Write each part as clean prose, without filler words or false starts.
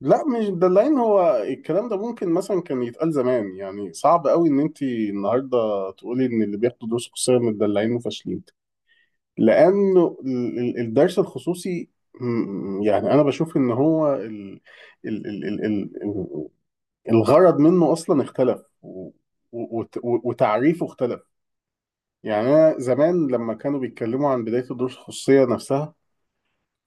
لا، مش دلعين. هو الكلام ده ممكن مثلا كان يتقال زمان. يعني صعب قوي ان انت النهارده تقولي ان اللي بياخدوا دروس خصوصيه متدلعين وفاشلين. لانه الدرس الخصوصي يعني انا بشوف ان هو ال ال ال ال ال الغرض منه اصلا اختلف و وتعريفه اختلف. يعني انا زمان لما كانوا بيتكلموا عن بدايه الدروس الخصوصيه نفسها،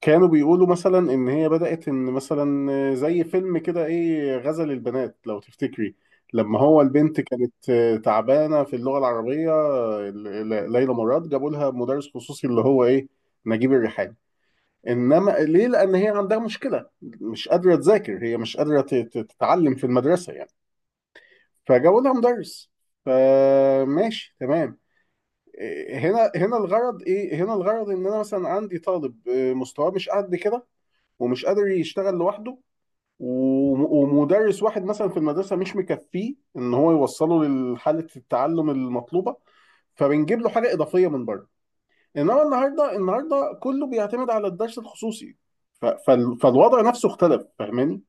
كانوا بيقولوا مثلا ان هي بدأت ان مثلا زي فيلم كده، ايه، غزل البنات لو تفتكري. لما هو البنت كانت تعبانة في اللغة العربية، ليلى مراد جابوا لها مدرس خصوصي اللي هو ايه، نجيب الريحاني. انما ليه؟ لان هي عندها مشكلة، مش قادرة تذاكر، هي مش قادرة تتعلم في المدرسة يعني. فجابوا لها مدرس، فماشي تمام. إيه، هنا الغرض ايه؟ هنا الغرض ان انا مثلا عندي طالب، مستواه مش قد كده ومش قادر يشتغل لوحده، وم- ومدرس واحد مثلا في المدرسة مش مكفيه ان هو يوصله لحالة التعلم المطلوبة، فبنجيب له حاجة إضافية من بره. انما النهارده، النهارده كله بيعتمد على الدرس الخصوصي. فالوضع نفسه اختلف، فاهماني؟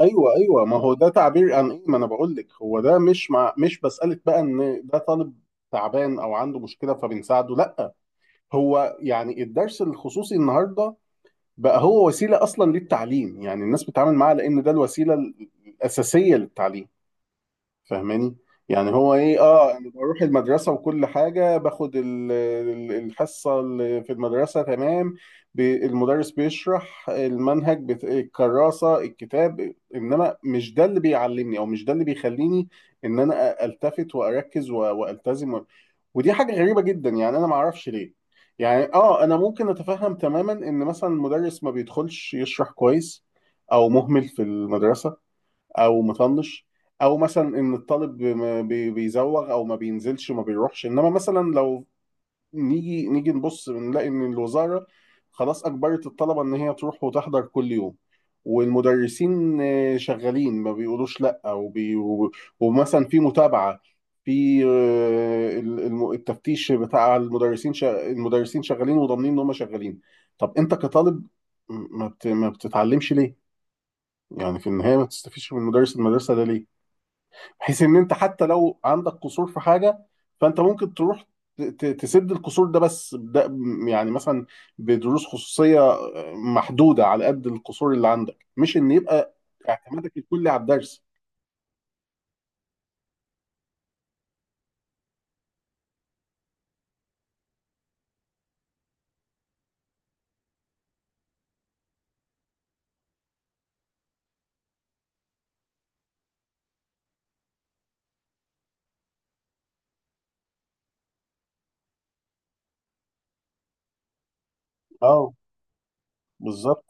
ايوه ايوه. ما هو ده تعبير عن ايه؟ ما انا بقول لك. هو ده مش، مع، مش بسألك بقى ان ده طالب تعبان او عنده مشكلة فبنساعده، لا. هو يعني الدرس الخصوصي النهارده بقى هو وسيلة أصلا للتعليم. يعني الناس بتتعامل معاه لأن ده الوسيلة الأساسية للتعليم، فاهماني؟ يعني هو إيه، آه، أنا بروح المدرسة وكل حاجة، باخد الحصة اللي في المدرسة تمام، المدرس بيشرح المنهج، الكراسة، الكتاب، إنما مش ده اللي بيعلمني أو مش ده اللي بيخليني إن أنا ألتفت وأركز و وألتزم. ودي حاجة غريبة جدا، يعني أنا ما أعرفش ليه. يعني آه، أنا ممكن أتفهم تماما إن مثلا المدرس ما بيدخلش يشرح كويس، أو مهمل في المدرسة، أو مطنش، أو مثلا إن الطالب ما بي- بيزوغ أو ما بينزلش ما بيروحش. إنما مثلا لو نيجي نبص، بنلاقي ان الوزاره خلاص اجبرت الطلبه ان هي تروح وتحضر كل يوم، والمدرسين شغالين، ما بيقولوش لا، و ومثلا في متابعه، في التفتيش بتاع المدرسين، المدرسين شغالين وضامنين ان هم شغالين. طب انت كطالب ما بتتعلمش ليه؟ يعني في النهايه ما تستفيدش من مدرس المدرسه ده ليه؟ بحيث ان انت حتى لو عندك قصور في حاجه، فانت ممكن تروح تسد القصور ده. بس ده يعني مثلا بدروس خصوصيه محدوده على قد القصور اللي عندك، مش ان يبقى اعتمادك الكلي على الدرس. اه، بالظبط،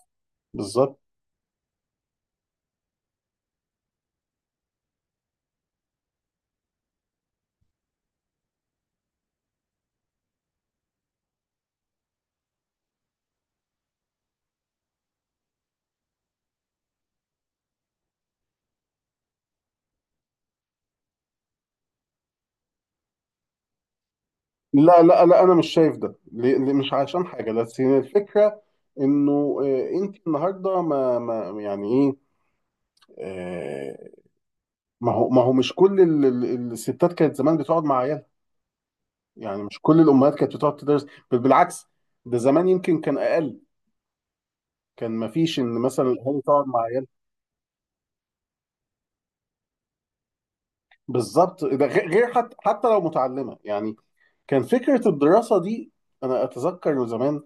بالظبط. لا لا لا، انا مش شايف ده مش عشان حاجه، بس هي الفكره انه آه، انت النهارده ما يعني ايه، آه، ما هو، ما هو مش كل الستات كانت زمان بتقعد مع عيالها. يعني مش كل الامهات كانت بتقعد تدرس، بل بالعكس. ده زمان يمكن كان اقل، كان ما فيش ان مثلا الاهالي تقعد مع عيال. بالظبط. ده غير حتى، حتى لو متعلمه يعني، كان فكره الدراسه دي، انا اتذكر زمان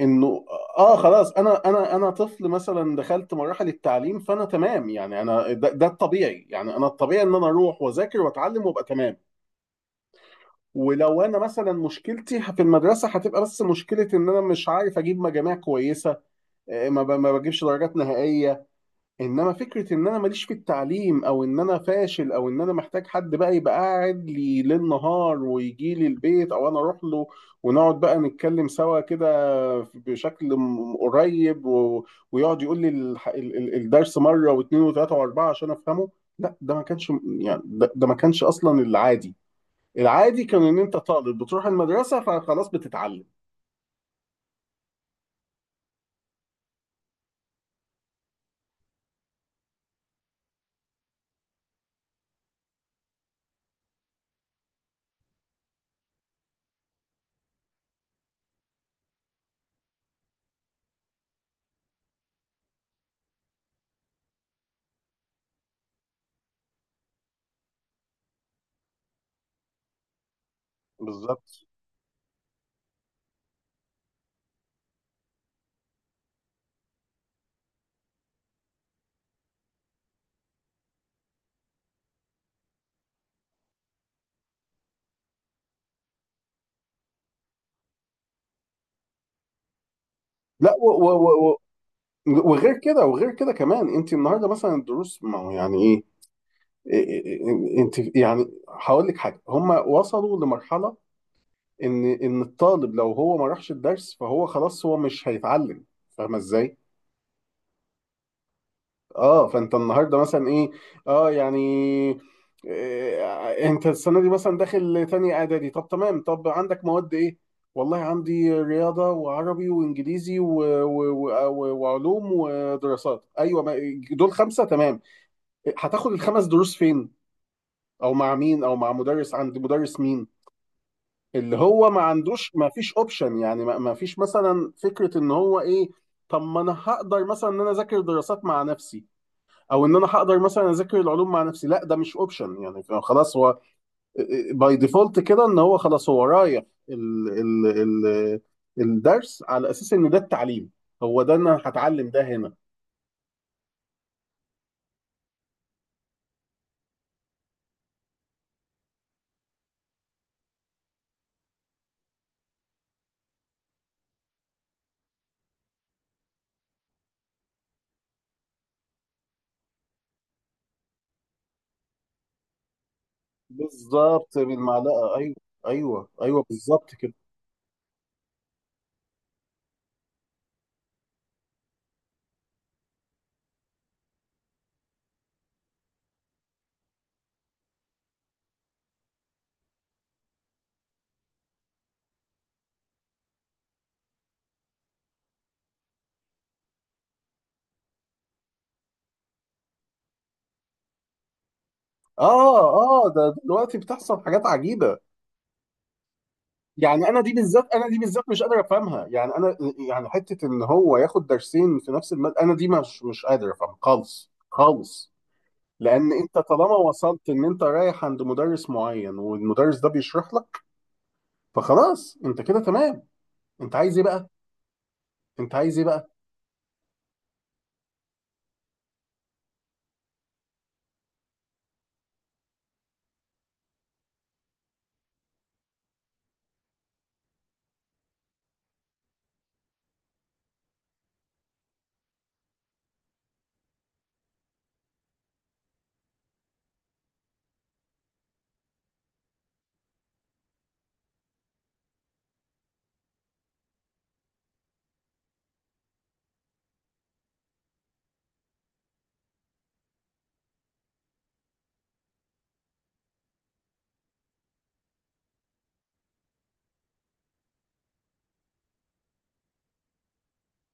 انه، اه خلاص، انا انا طفل مثلا دخلت مراحل التعليم فانا تمام. يعني انا ده الطبيعي. يعني انا الطبيعي ان انا اروح واذاكر واتعلم وابقى تمام. ولو انا مثلا مشكلتي في المدرسه، هتبقى بس مشكله ان انا مش عارف اجيب مجاميع كويسه، ما بجيبش درجات نهائية. انما فكرة ان انا ماليش في التعليم، او ان انا فاشل، او ان انا محتاج حد بقى يبقى قاعد لي ليل نهار ويجي لي البيت او انا اروح له، ونقعد بقى نتكلم سوا كده بشكل قريب و ويقعد يقول لي الدرس مرة واثنين وثلاثة واربعة عشان افهمه، لا ده ما كانش. يعني ده ما كانش اصلا العادي. العادي كان ان انت طالب بتروح المدرسة فخلاص بتتعلم. بالظبط. لا، وغير كده، وغير كده كمان، انت النهارده مثلا الدروس، ما هو يعني ايه، إيه- إيه- إيه، انت يعني هقول لك حاجه، هم وصلوا لمرحله ان، ان الطالب لو هو ما راحش الدرس فهو خلاص هو مش هيتعلم. فاهمه ازاي؟ اه، فانت النهارده مثلا ايه، اه يعني، إيه، انت السنه دي مثلا داخل تاني اعدادي، طب تمام، طب عندك مواد ايه؟ والله عندي رياضة وعربي وإنجليزي و وعلوم ودراسات، أيوة ما، دول خمسة تمام. هتاخد الخمس دروس فين، او مع مين، او مع مدرس، عند مدرس مين؟ اللي هو ما عندوش، ما فيش اوبشن. يعني ما فيش مثلا فكرة ان هو ايه، طب ما انا هقدر مثلا ان انا اذاكر دراسات مع نفسي، او ان انا هقدر مثلا اذاكر العلوم مع نفسي، لا ده مش اوبشن. يعني خلاص هو باي ديفولت كده ان هو خلاص هو رايح ال ال ال الدرس على اساس ان ده التعليم. هو ده، انا هتعلم ده هنا. بالظبط، بالمعلقة، ايوه ايوه ايوه، بالظبط كده. اه اه، ده دلوقتي بتحصل حاجات عجيبه. يعني انا دي بالذات، انا دي بالذات مش قادر افهمها. يعني انا، يعني حته ان هو ياخد درسين في نفس المادة، انا دي مش، مش قادر افهمها خالص خالص. لان انت طالما وصلت ان انت رايح عند مدرس معين والمدرس ده بيشرح لك، فخلاص انت كده تمام، انت عايز ايه بقى؟ انت عايز ايه بقى؟